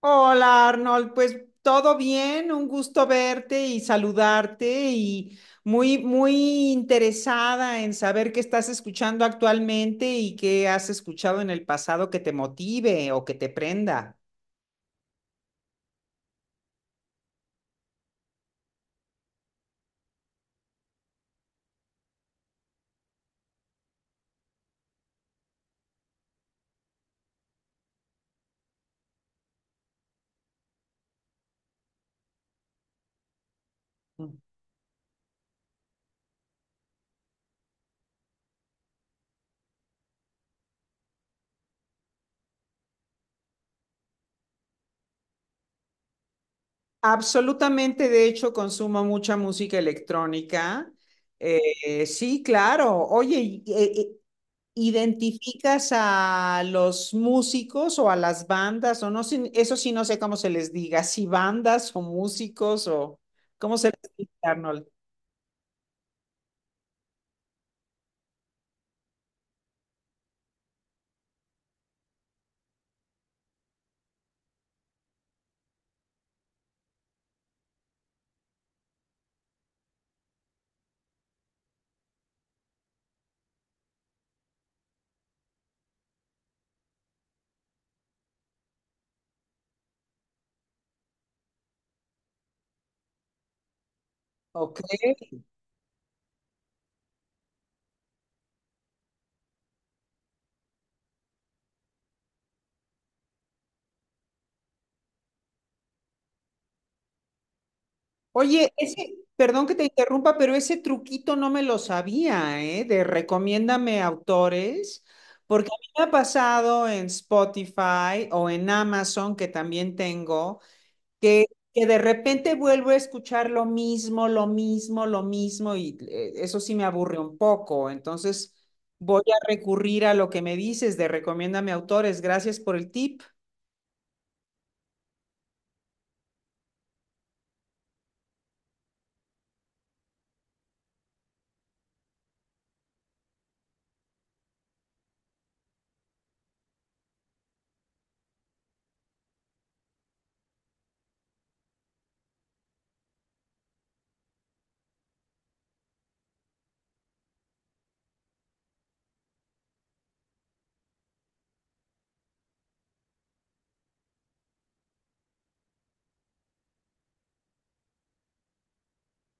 Hola Arnold, pues todo bien, un gusto verte y saludarte y muy, muy interesada en saber qué estás escuchando actualmente y qué has escuchado en el pasado que te motive o que te prenda. Absolutamente, de hecho, consumo mucha música electrónica. Sí, claro. Oye, ¿identificas a los músicos o a las bandas? O no, sé, eso sí no sé cómo se les diga, si bandas o músicos o cómo se les dice, Arnold. Ok. Oye, ese, perdón que te interrumpa, pero ese truquito no me lo sabía, ¿eh? De recomiéndame autores, porque a mí me ha pasado en Spotify o en Amazon, que también tengo, que, que de repente vuelvo a escuchar lo mismo, lo mismo, lo mismo, y eso sí me aburre un poco. Entonces voy a recurrir a lo que me dices de recomiéndame autores. Gracias por el tip.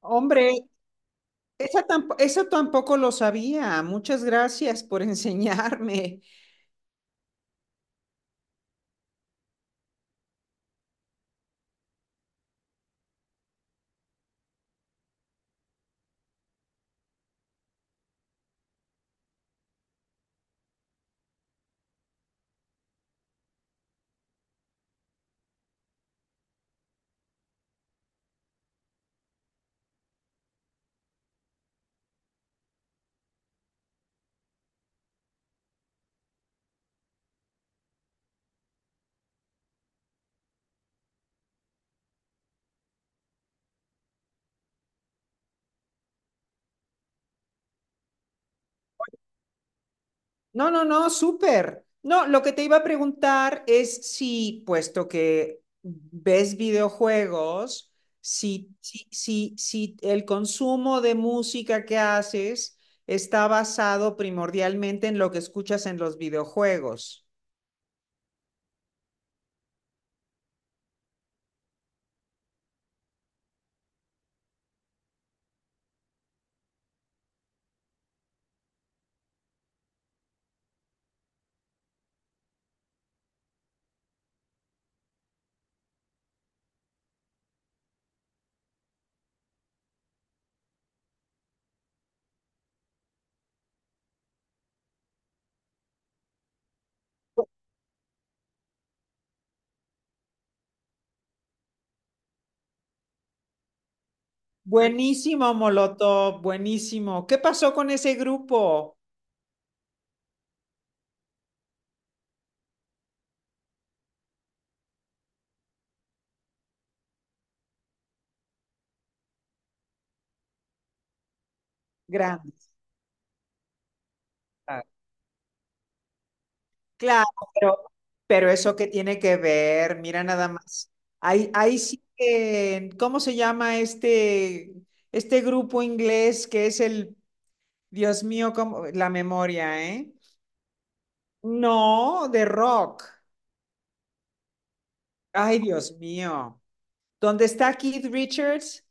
Hombre. Eso tampoco lo sabía. Muchas gracias por enseñarme. No, no, no, súper. No, lo que te iba a preguntar es si, puesto que ves videojuegos, si el consumo de música que haces está basado primordialmente en lo que escuchas en los videojuegos. Buenísimo, Molotov, buenísimo. ¿Qué pasó con ese grupo? Grande. Claro, pero, pero eso que tiene que ver, mira nada más. Ahí, ahí sí que, ¿cómo se llama este, este grupo inglés que es el, Dios mío, la memoria, ¿eh? No, de rock. Ay, Dios mío. ¿Dónde está Keith Richards?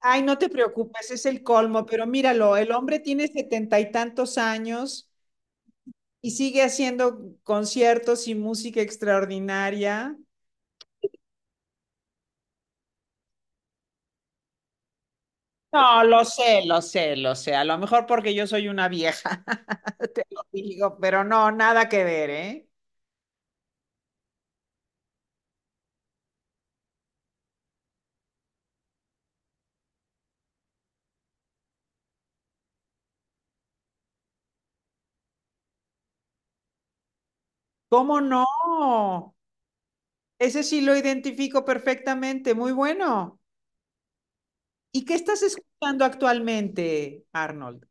Ay, no te preocupes, es el colmo, pero míralo, el hombre tiene 70 y tantos años y sigue haciendo conciertos y música extraordinaria. No, lo sé, lo sé, lo sé. A lo mejor porque yo soy una vieja, te lo digo, pero no, nada que ver, ¿eh? ¿Cómo no? Ese sí lo identifico perfectamente, muy bueno. ¿Y qué estás escuchando actualmente, Arnold?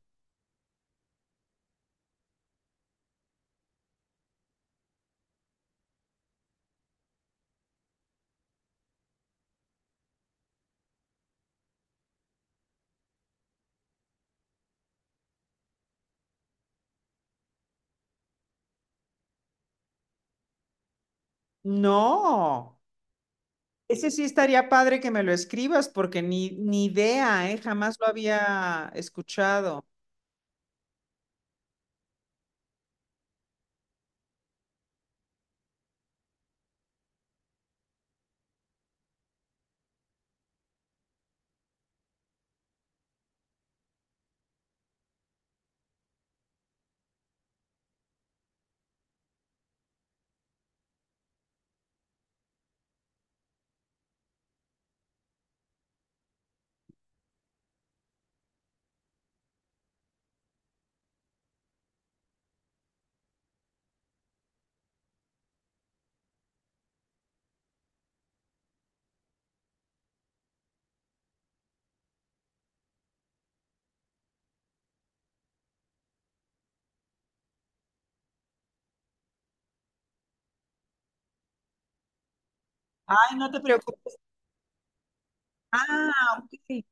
No, ese sí estaría padre que me lo escribas porque ni idea, ¿eh? Jamás lo había escuchado. Ay, no te preocupes. Ah, ok.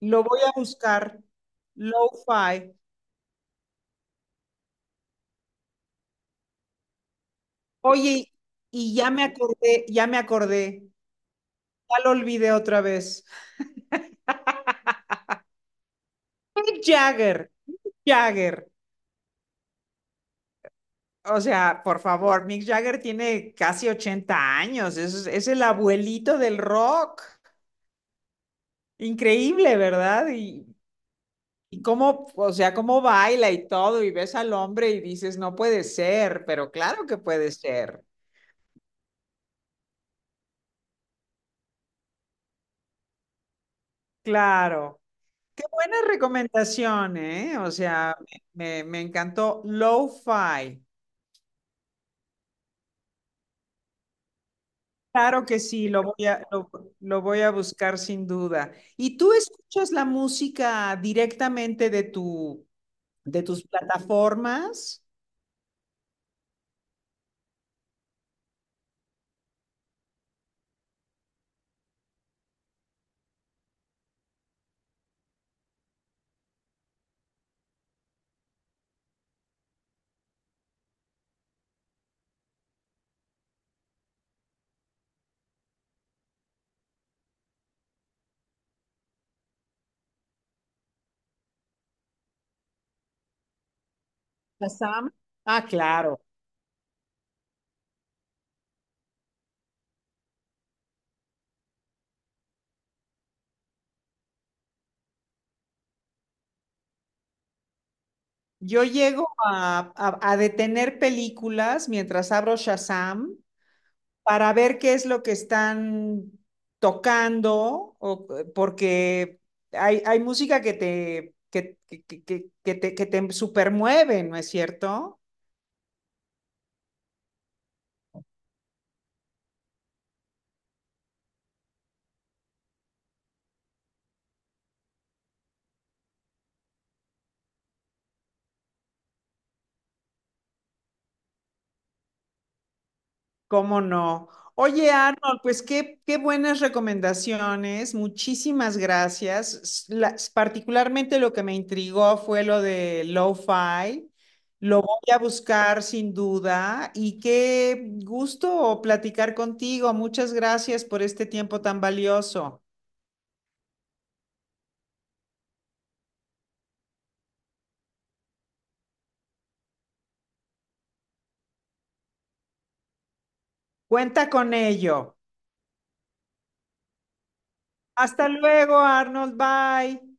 Lo voy a buscar. Lo-fi. Oye, y ya me acordé, ya me acordé, ya lo olvidé otra vez. Mick Jagger, Jagger. O sea, por favor, Mick Jagger tiene casi 80 años, es el abuelito del rock. Increíble, ¿verdad? Y cómo, o sea, cómo baila y todo, y ves al hombre y dices, no puede ser, pero claro que puede ser. Claro. Qué buena recomendación, ¿eh? O sea, me encantó Lo-Fi. Claro que sí, lo voy a buscar sin duda. ¿Y tú escuchas la música directamente de tu, de tus plataformas? Shazam. Ah, claro. Yo llego a, a detener películas mientras abro Shazam para ver qué es lo que están tocando, o, porque hay música que te, que te, que te supermueve, ¿no es cierto? ¿Cómo no? Oye, Arnold, pues qué, qué buenas recomendaciones, muchísimas gracias. Particularmente lo que me intrigó fue lo de lo-fi. Lo voy a buscar sin duda y qué gusto platicar contigo. Muchas gracias por este tiempo tan valioso. Cuenta con ello. Hasta luego, Arnold. Bye.